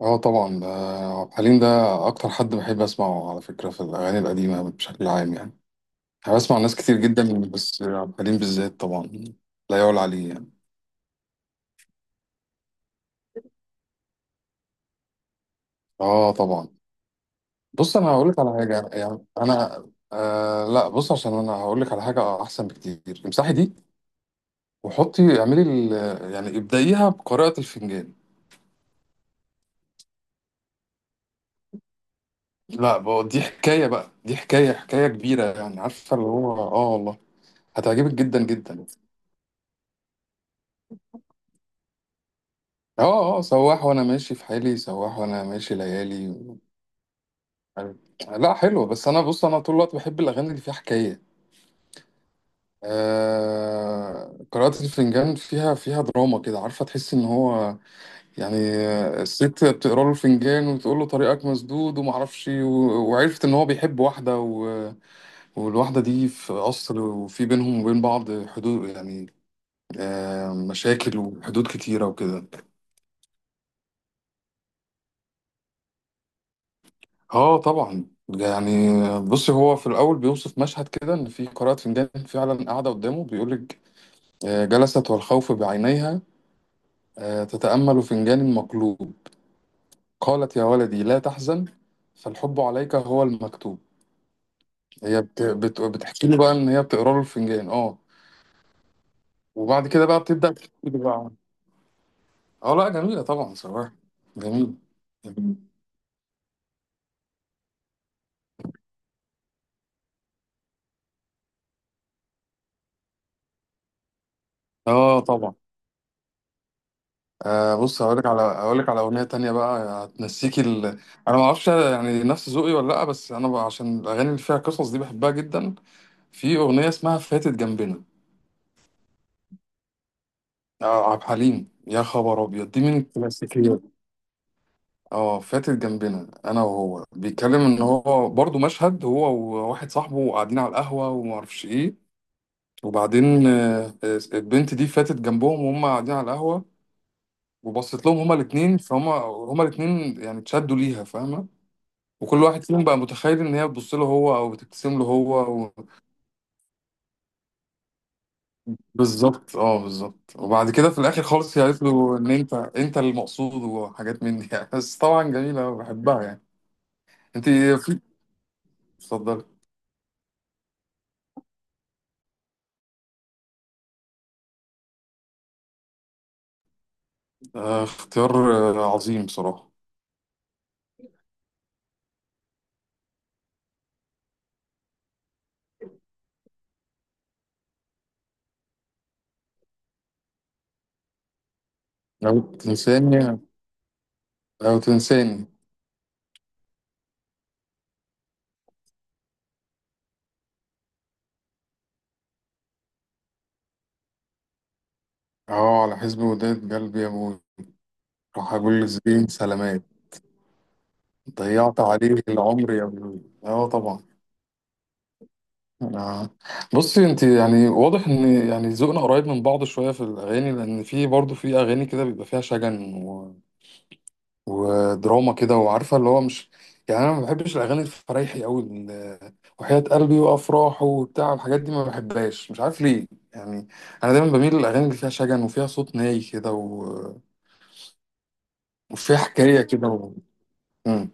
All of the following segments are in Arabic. اه، طبعا. ده عبد الحليم ده اكتر حد بحب اسمعه، على فكره، في الاغاني القديمه بشكل عام يعني. انا بسمع ناس كتير جدا، بس عبد الحليم بالذات طبعا لا يعلى عليه يعني. اه طبعا. بص، انا هقول لك على حاجه يعني انا آه لا بص، عشان انا هقول لك على حاجه احسن بكتير. امسحي دي وحطي، اعملي يعني ابدأيها بقراءه الفنجان. لا بقى، دي حكايه بقى، دي حكايه كبيره يعني، عارفه اللي هو اه والله، هتعجبك جدا جدا. اه، سواح وانا ماشي في حالي، سواح وانا ماشي ليالي و... لا حلو، بس انا بص، انا طول الوقت بحب الاغاني اللي فيها حكايه. آه... قراءة الفنجان فيها دراما كده، عارفه، تحس ان هو يعني، الست بتقرا له الفنجان وتقول له طريقك مسدود وما اعرفش و... وعرفت ان هو بيحب واحده و... والواحده دي في قصر، وفي بينهم وبين بعض حدود يعني. مشاكل وحدود كتيره وكده. اه طبعا يعني. بصي، هو في الاول بيوصف مشهد كده، ان في قارئة فنجان فعلا قاعده قدامه، بيقول لك جلست والخوف بعينيها، تتامل فنجان مقلوب، قالت يا ولدي لا تحزن، فالحب عليك هو المكتوب. هي بتحكي له بقى ان هي بتقرا له الفنجان، اه. وبعد كده بقى بتبدا تحكي له بقى. اه لا، جميله طبعا صراحه. جميله. اه طبعا. بص، هقولك على اغنيه تانية بقى هتنسيكي ال... انا ما اعرفش يعني نفس ذوقي ولا لا، بس انا بقى عشان الاغاني اللي فيها قصص دي بحبها جدا. في اغنيه اسمها فاتت جنبنا. آه، عبد الحليم يا خبر ابيض، دي من الكلاسيكيات. اه، فاتت جنبنا. انا وهو بيتكلم ان هو برضو مشهد، هو وواحد صاحبه قاعدين على القهوه وما اعرفش ايه. وبعدين البنت دي فاتت جنبهم وهم قاعدين على القهوه، وبصت لهم هما الاتنين، فهم الاتنين يعني اتشدوا ليها، فاهمه. وكل واحد فيهم بقى متخيل ان هي بتبص له هو او بتبتسم له هو و... بالظبط، اه بالظبط. وبعد كده في الاخر خالص هي قالت له ان انت انت المقصود، وحاجات من دي يعني. بس طبعا جميله، بحبها يعني. انت، في، اتفضلي. آه اختيار. عظيم بصراحه. لو تنساني. لو تنساني. اه، على حزب وداد قلبي يا ابوي، راح اقول لزبين سلامات، ضيعت عليه العمر يا ابوي، اه طبعا. انا، بصي، انت يعني واضح ان يعني ذوقنا قريب من بعض شويه في الاغاني، لان في برضه في اغاني كده بيبقى فيها شجن و... ودراما كده، وعارفه اللي هو مش يعني، انا ما بحبش الاغاني الفرايحي قوي، ال- وحياة قلبي، وافراح، وبتاع، الحاجات دي ما بحبهاش، مش عارف ليه يعني. انا دايما بميل للاغاني اللي فيها شجن وفيها صوت ناي كده و... وفيها حكايه كده و... مم.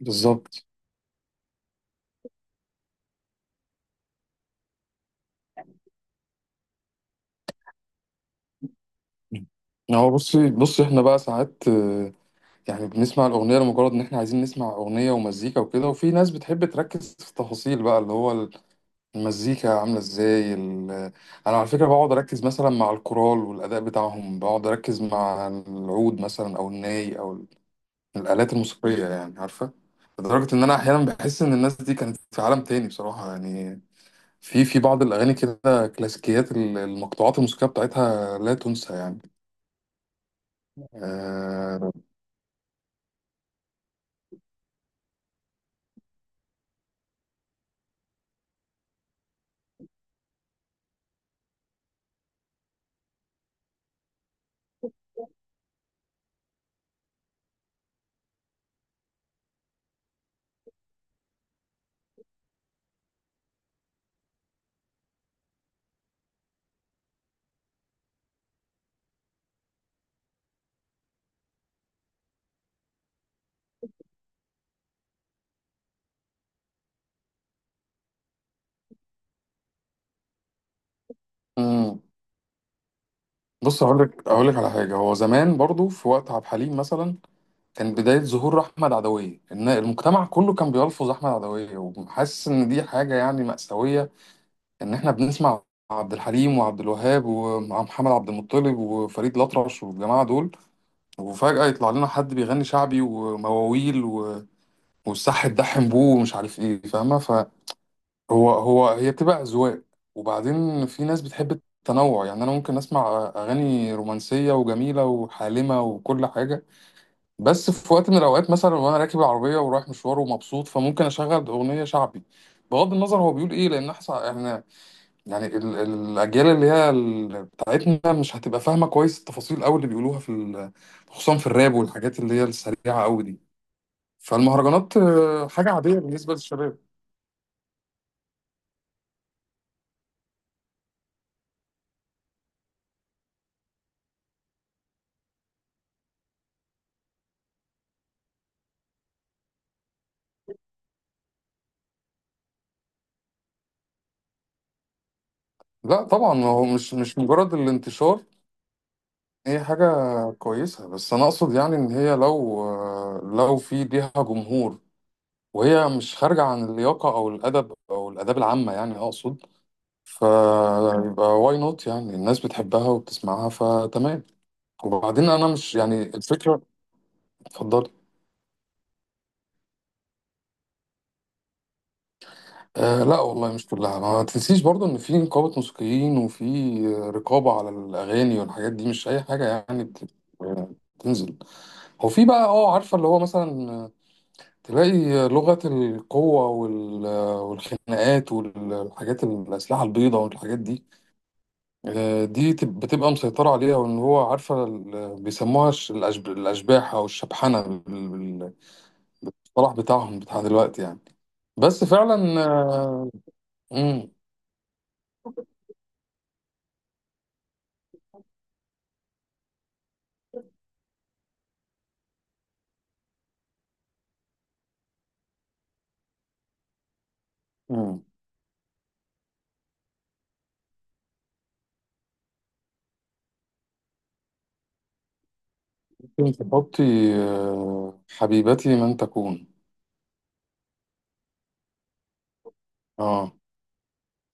بالظبط. هو بصي بصي، احنا بقى ساعات يعني بنسمع الأغنية لمجرد إن إحنا عايزين نسمع أغنية ومزيكا وكده، وفي ناس بتحب تركز في التفاصيل بقى، اللي هو المزيكا عاملة إزاي ال... أنا على فكرة بقعد أركز مثلا مع الكورال والأداء بتاعهم، بقعد أركز مع العود مثلا أو الناي أو ال- الآلات الموسيقية يعني، عارفة. لدرجة إن أنا أحيانا بحس إن الناس دي كانت في عالم تاني بصراحة يعني. في بعض الأغاني كده، كلاسيكيات ال- المقطوعات الموسيقية بتاعتها لا تنسى يعني. آه... بص، هقول لك على حاجه. هو زمان برضو في وقت عبد الحليم مثلا، كان بدايه ظهور احمد عدويه، ان المجتمع كله كان بيلفظ احمد عدويه، وحاسس ان دي حاجه يعني مأساويه، ان احنا بنسمع عبد الحليم وعبد الوهاب ومحمد عبد المطلب وفريد الأطرش والجماعه دول، وفجاه يطلع لنا حد بيغني شعبي ومواويل و... والصح تدحم بوه، ومش عارف ايه، فاهمه. هو هو هي بتبقى أذواق. وبعدين في ناس بتحب التنوع يعني. أنا ممكن أسمع أغاني رومانسية وجميلة وحالمة وكل حاجة، بس في وقت من الأوقات مثلا، وأنا راكب العربية ورايح مشوار ومبسوط، فممكن أشغل أغنية شعبي، بغض النظر هو بيقول إيه. لأن إحنا يعني ال- الأجيال اللي هي ال- بتاعتنا مش هتبقى فاهمة كويس التفاصيل أوي اللي بيقولوها في ال- خصوصا في الراب والحاجات اللي هي السريعة أوي دي. فالمهرجانات حاجة عادية بالنسبة للشباب. لا طبعا، هو مش مجرد الانتشار. هي حاجة كويسة، بس أنا أقصد يعني إن هي لو، لو في ليها جمهور، وهي مش خارجة عن اللياقة أو الأدب أو الآداب العامة يعني، أقصد فيبقى واي نوت يعني، الناس بتحبها وبتسمعها فتمام. وبعدين أنا مش يعني الفكرة. اتفضلي. آه لا والله، مش كلها. ما تنسيش برضو إن في نقابة موسيقيين، وفي رقابة على الأغاني والحاجات دي. مش أي حاجة يعني بت- بتنزل. هو في بقى، اه عارفة اللي هو مثلا، تلاقي لغة القوة وال- والخناقات والحاجات، الأسلحة البيضاء والحاجات دي. دي تب- بتبقى مسيطرة عليها. وإن هو عارفة ال- بيسموها الش- الأشب- الأشباح أو الشبحنة بال- بالصلاح بتاعهم بتاع دلوقتي يعني. بس فعلا مم، مم. ممكن تحطي حبيبتي من تكون. اه،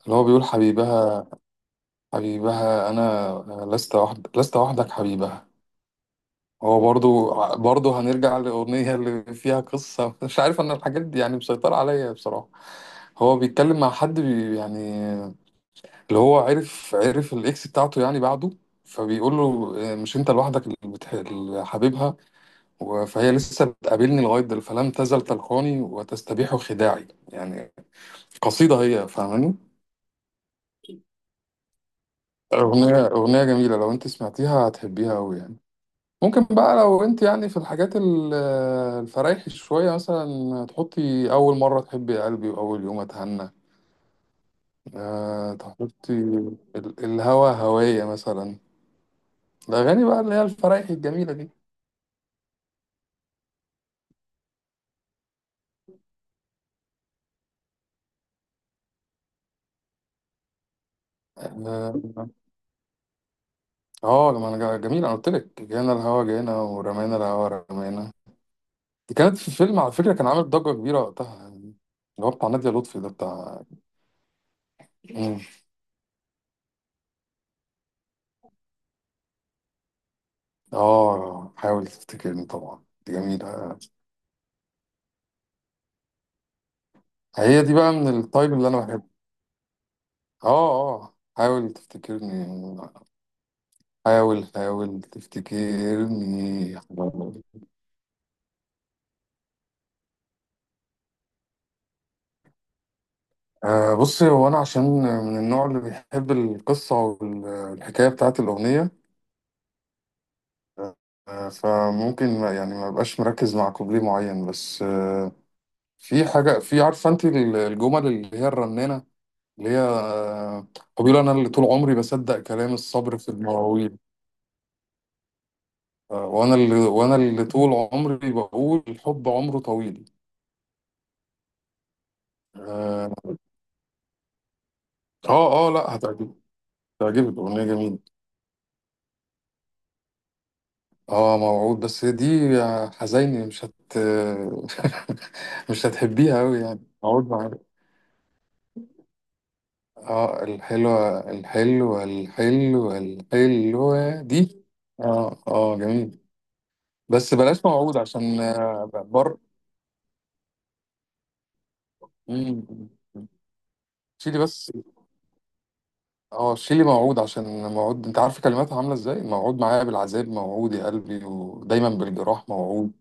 اللي هو بيقول حبيبها. حبيبها أنا، لست وحد، لست وحدك حبيبها. هو برضو هنرجع للأغنية اللي فيها قصة مش عارف أنا الحاجات دي يعني مسيطرة عليا بصراحة. هو بيتكلم مع حد بي يعني، اللي هو عرف الإكس بتاعته يعني بعده، فبيقول له مش أنت لوحدك اللي بتح- اللي حبيبها و- فهي لسه بتقابلني لغاية دل، فلم تزل تلقاني وتستبيح خداعي يعني، قصيدة. هي فاهماني. أغنية جميلة، لو أنت سمعتيها هتحبيها أوي يعني. ممكن بقى لو انت يعني في الحاجات ال- الفرايح شوية مثلا، تحطي أول مرة تحبي يا قلبي، وأول يوم أتهنى. أه، تحطي ال- الهوا هواية مثلا، الأغاني بقى اللي هي الفرايح الجميلة دي. اه ما أنا جا- جميل. أنا قلت لك، جانا الهوا جانا ورمانا الهوا رمانا. دي كانت في فيلم على فكرة، كان عامل ضجة كبيرة وقتها يعني، اللي هو بتاع نادية لطفي ده بتاع. مم. اه، حاول تفتكرني، طبعا دي جميلة. هي دي بقى من التايب اللي أنا بحبه. اه اه، حاول تفتكرني، حاول تفتكرني. آه، بصي، هو انا عشان من النوع اللي بيحب القصة والحكاية بتاعت الأغنية، آه فممكن ما يعني ما بقاش مركز مع كوبليه معين، بس آه في حاجة، في عارفة انت الجمل اللي هي الرنانة، اللي هي آه، هو بيقول انا اللي طول عمري بصدق كلام الصبر في المواويل، آه وانا اللي طول عمري بقول الحب عمره طويل. آه. اه اه لا، هتعجبك. هتعجبك، اغنيه جميله. اه موعود، بس دي يا حزيني مش هت مش هتحبيها قوي يعني، موعود معاك. اه، الحلوه الحلوه، الحلوه دي. اه اه جميل. بس بلاش موعود عشان بر. مم. شيلي بس، اه شيلي موعود، عشان موعود، انت عارف كلماتها عامله ازاي؟ موعود معايا بالعذاب، موعود يا قلبي، ودايما بالجراح موعود.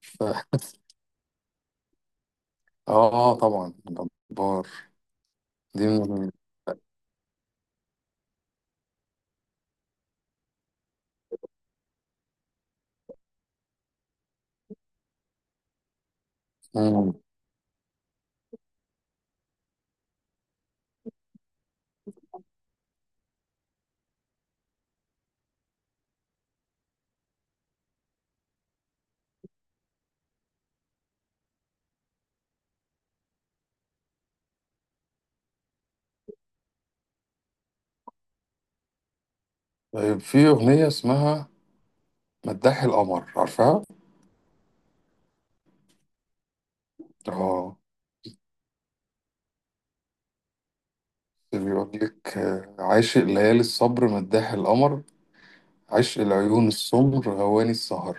ف... اه طبعا، جبار. دي من... مم. طيب، في أغنية اسمها مداح القمر، عارفها؟ اه، بيقول لك عاشق ليالي الصبر، مداح القمر، عشق العيون السمر، غواني السهر،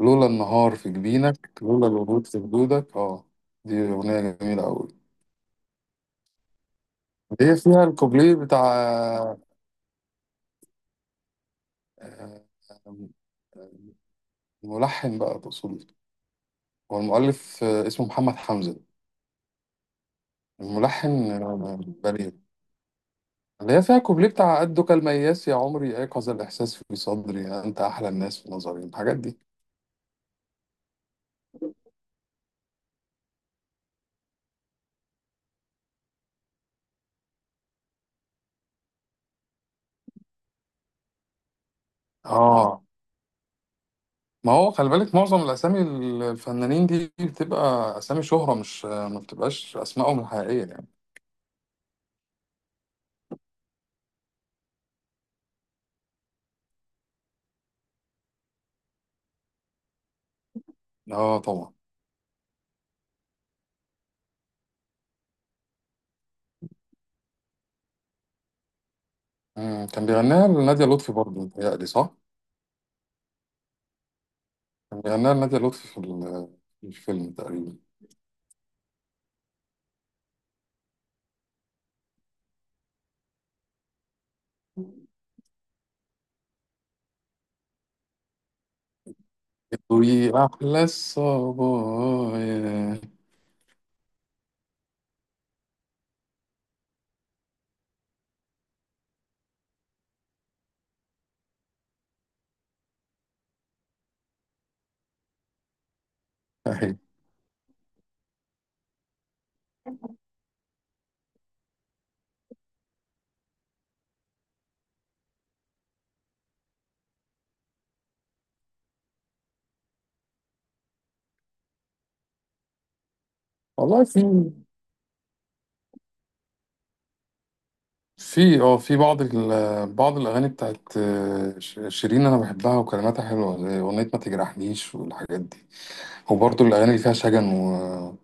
لولا النهار في جبينك، لولا الورود في خدودك، اه. دي أغنية جميلة أوي. هي فيها الكوبليه بتاع آه، الملحن بقى تقصد. هو المؤلف اسمه محمد حمزة، الملحن بليغ. اللي هي فيها كوبليه بتاع قدك المياس يا عمري، أيقظ الإحساس في صدري، يعني أنت أحلى الناس في نظري، الحاجات دي. اه، ما هو خلي بالك معظم الأسامي الفنانين دي بتبقى أسامي شهرة، مش ما بتبقاش أسمائهم الحقيقية يعني. آه طبعا. مم. كان بيغنيها لنادية لطفي برضه، متهيألي صح؟ كان بيغنيها لنادية لطفي في ال- في الفيلم تقريبا. وي أحلى الصبايا. أهي. والله في، في بعض ال- بعض الاغاني بتاعت ش- شيرين انا بحبها، وكلماتها حلوه، زي اغنيه ما تجرحنيش والحاجات دي، وبرضه الاغاني اللي فيها شجن و-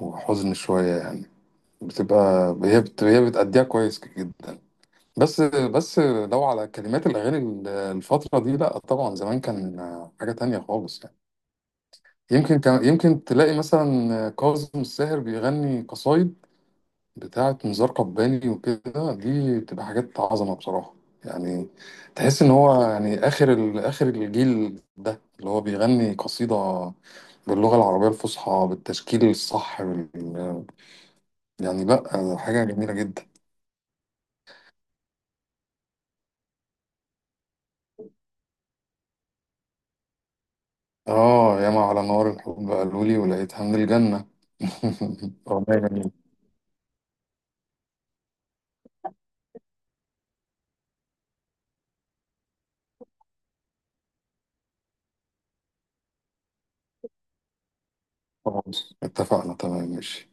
وحزن شويه يعني، بتبقى هي بت... هي بتأديها كويس جدا. بس لو على كلمات الاغاني ال- الفتره دي لا طبعا، زمان كان حاجه تانية خالص يعني. يمكن كان، يمكن تلاقي مثلا كاظم الساهر بيغني قصايد بتاعة نزار قباني وكده، دي بتبقى حاجات عظمة بصراحة يعني. تحس إن هو يعني آخر ال... آخر الجيل ده اللي هو بيغني قصيدة باللغة العربية الفصحى بالتشكيل الصح بال... يعني لأ، حاجة جميلة جدا. آه ياما على نار الحب قالولي، ولقيتها من الجنة أغنية جميلة. خلاص، اتفقنا، تمام، ماشي.